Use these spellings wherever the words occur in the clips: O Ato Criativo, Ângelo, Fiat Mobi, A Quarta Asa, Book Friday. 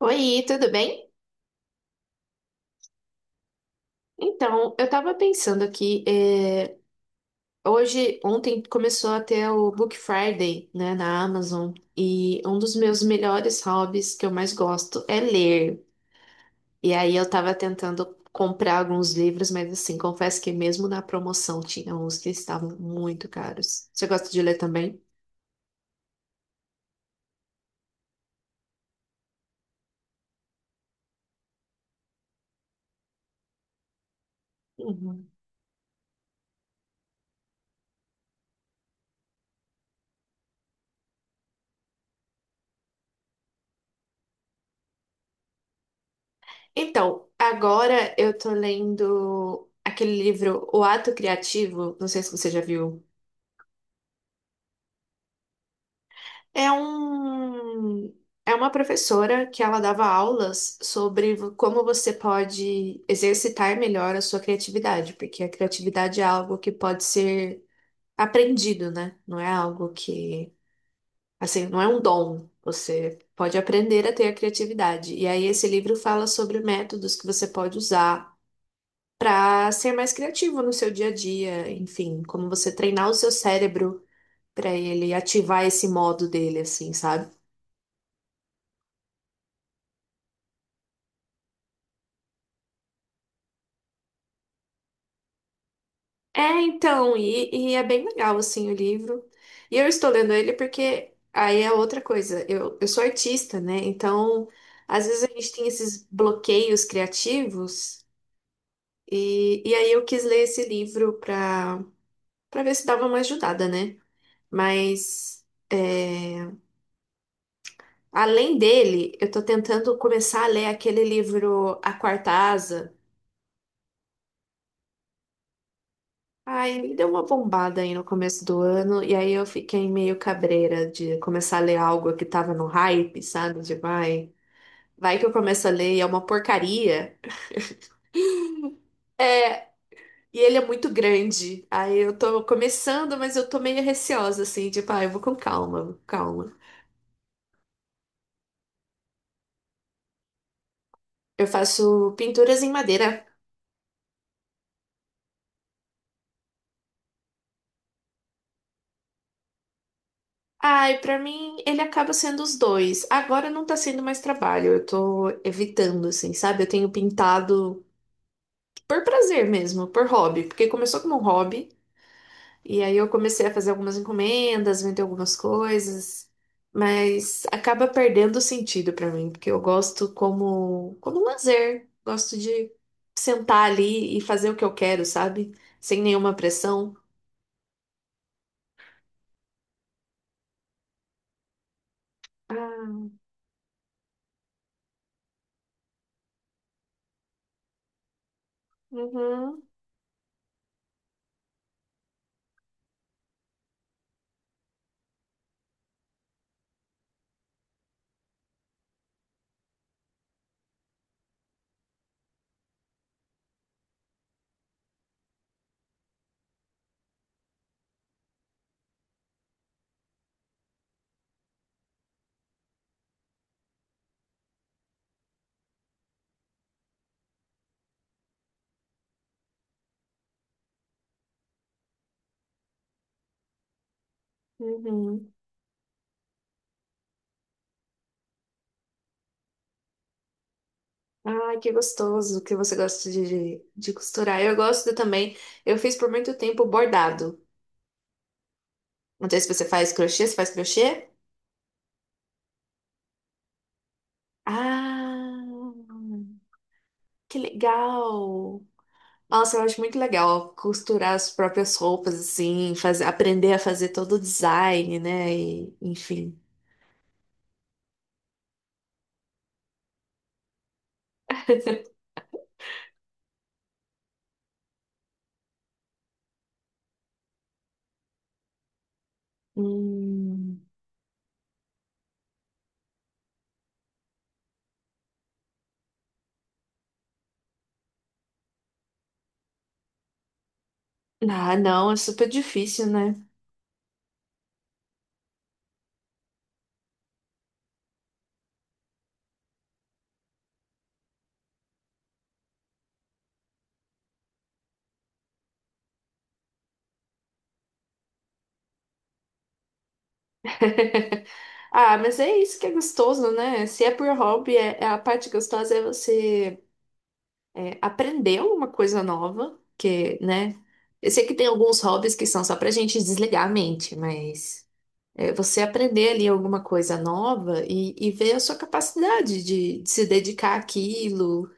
Oi, tudo bem? Então, eu tava pensando aqui, hoje, ontem começou a ter o Book Friday, né, na Amazon, e um dos meus melhores hobbies que eu mais gosto é ler. E aí eu tava tentando comprar alguns livros, mas assim, confesso que mesmo na promoção tinha uns que estavam muito caros. Você gosta de ler também? Uhum. Então, agora eu tô lendo aquele livro O Ato Criativo, não sei se você já viu. É um, é uma professora que ela dava aulas sobre como você pode exercitar melhor a sua criatividade, porque a criatividade é algo que pode ser aprendido, né? Não é algo que, assim, não é um dom. Você pode aprender a ter a criatividade. E aí esse livro fala sobre métodos que você pode usar para ser mais criativo no seu dia a dia, enfim, como você treinar o seu cérebro para ele ativar esse modo dele, assim, sabe? É, então, e é bem legal, assim, o livro. E eu estou lendo ele porque aí é outra coisa. Eu sou artista, né? Então, às vezes a gente tem esses bloqueios criativos. E aí eu quis ler esse livro para ver se dava uma ajudada, né? Mas, é, além dele, eu tô tentando começar a ler aquele livro A Quarta Asa. Aí me deu uma bombada aí no começo do ano, e aí eu fiquei meio cabreira de começar a ler algo que tava no hype, sabe? De vai, vai que eu começo a ler e é uma porcaria. É, e ele é muito grande. Aí eu tô começando, mas eu tô meio receosa, assim, tipo, ah, eu vou com calma, calma. Eu faço pinturas em madeira. Ai, pra mim ele acaba sendo os dois. Agora não tá sendo mais trabalho, eu tô evitando, assim, sabe? Eu tenho pintado por prazer mesmo, por hobby, porque começou como um hobby. E aí eu comecei a fazer algumas encomendas, vender algumas coisas, mas acaba perdendo o sentido pra mim, porque eu gosto como um lazer, gosto de sentar ali e fazer o que eu quero, sabe? Sem nenhuma pressão. Ah, uhum, uhum. Ai, que gostoso que você gosta de costurar. Eu gosto também. Eu fiz por muito tempo bordado. Não sei se você faz crochê, você faz crochê? Ah, que legal! Nossa, eu acho muito legal costurar as próprias roupas, assim, fazer, aprender a fazer todo o design, né? E, enfim. Hum. Ah, não, é super difícil, né? Ah, mas é isso que é gostoso, né? Se é por hobby, é a parte gostosa é você é, aprender alguma coisa nova, que, né? Eu sei que tem alguns hobbies que são só pra gente desligar a mente, mas. É, você aprender ali alguma coisa nova e ver a sua capacidade de se dedicar àquilo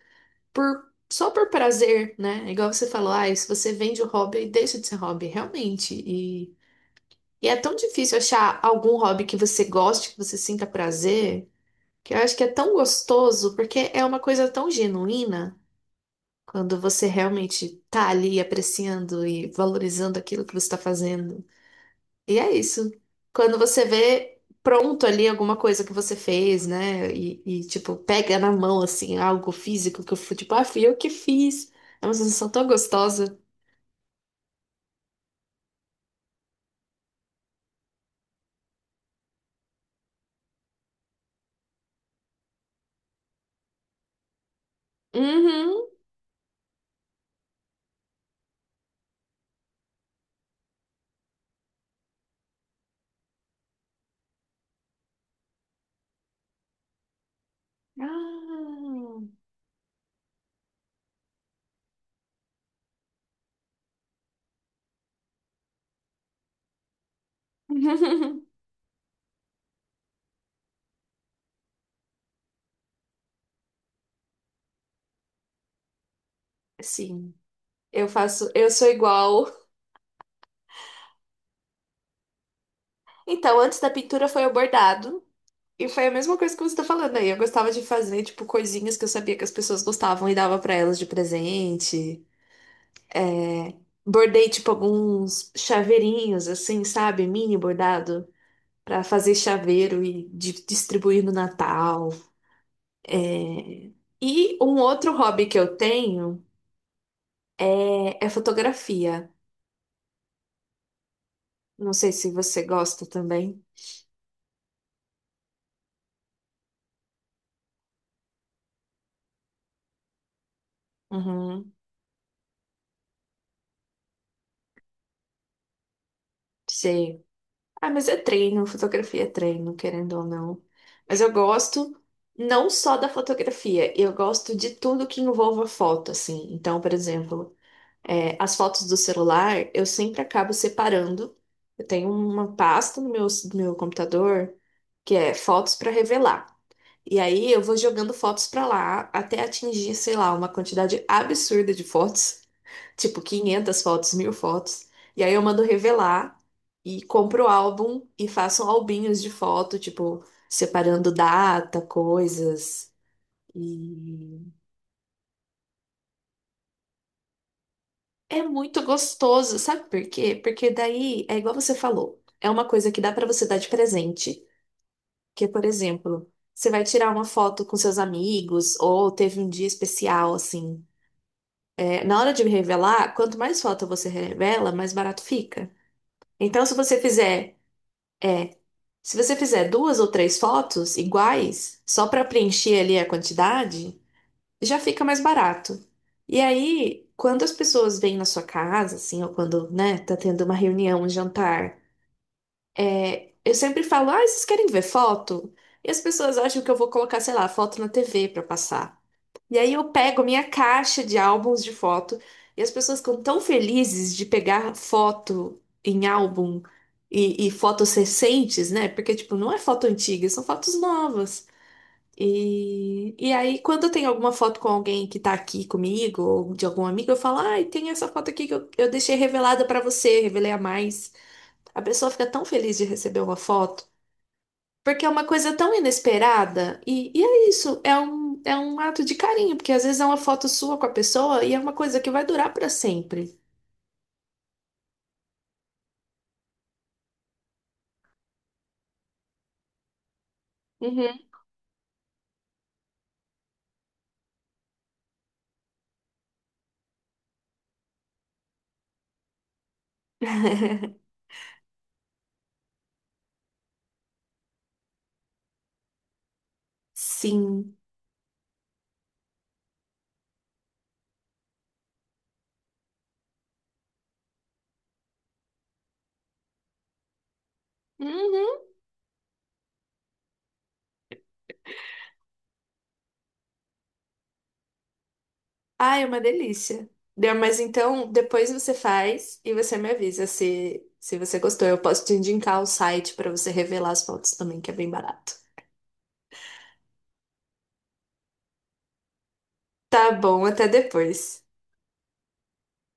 por, só por prazer, né? Igual você falou, ah, se você vende o hobby, deixa de ser hobby, realmente. E é tão difícil achar algum hobby que você goste, que você sinta prazer, que eu acho que é tão gostoso, porque é uma coisa tão genuína quando você realmente tá ali apreciando e valorizando aquilo que você está fazendo. E é isso. Quando você vê pronto ali alguma coisa que você fez, né? Tipo, pega na mão, assim, algo físico que eu fui, tipo, ah, fui eu que fiz. É uma sensação tão gostosa. Uhum. Ah. Sim, eu faço, eu sou igual. Então, antes da pintura foi o bordado. E foi a mesma coisa que você tá falando aí. Eu gostava de fazer, tipo, coisinhas que eu sabia que as pessoas gostavam e dava pra elas de presente. É, bordei tipo alguns chaveirinhos, assim, sabe? Mini bordado, pra fazer chaveiro e distribuir no Natal. E um outro hobby que eu tenho é fotografia. Não sei se você gosta também. Uhum, sei. Ah, mas é treino, fotografia é treino, querendo ou não. Mas eu gosto não só da fotografia, eu gosto de tudo que envolva foto, assim. Então, por exemplo. É, as fotos do celular eu sempre acabo separando. Eu tenho uma pasta no meu computador que é fotos para revelar. E aí eu vou jogando fotos para lá até atingir, sei lá, uma quantidade absurda de fotos, tipo 500 fotos, 1000 fotos. E aí eu mando revelar e compro o álbum e faço albinhos de foto, tipo, separando data, coisas. E é muito gostoso, sabe por quê? Porque daí é igual você falou, é uma coisa que dá pra você dar de presente. Que, por exemplo, você vai tirar uma foto com seus amigos ou teve um dia especial assim. É, na hora de revelar, quanto mais foto você revela, mais barato fica. Então, se você fizer duas ou três fotos iguais, só pra preencher ali a quantidade, já fica mais barato. E aí, quando as pessoas vêm na sua casa, assim, ou quando, né, tá tendo uma reunião, um jantar. É, eu sempre falo, ah, vocês querem ver foto? E as pessoas acham que eu vou colocar, sei lá, foto na TV pra passar. E aí eu pego minha caixa de álbuns de foto e as pessoas ficam tão felizes de pegar foto em álbum e fotos recentes, né? Porque, tipo, não é foto antiga, são fotos novas. E aí, quando eu tenho alguma foto com alguém que tá aqui comigo, ou de algum amigo, eu falo, ai, tem essa foto aqui que eu deixei revelada pra você, revelei a mais. A pessoa fica tão feliz de receber uma foto. Porque é uma coisa tão inesperada. É isso, é um ato de carinho, porque às vezes é uma foto sua com a pessoa e é uma coisa que vai durar para sempre. Uhum. Sim. Uhum. Ai, é uma delícia. Deu, mas então, depois você faz e você me avisa se você gostou. Eu posso te indicar o site para você revelar as fotos também, que é bem barato. Tá bom, até depois.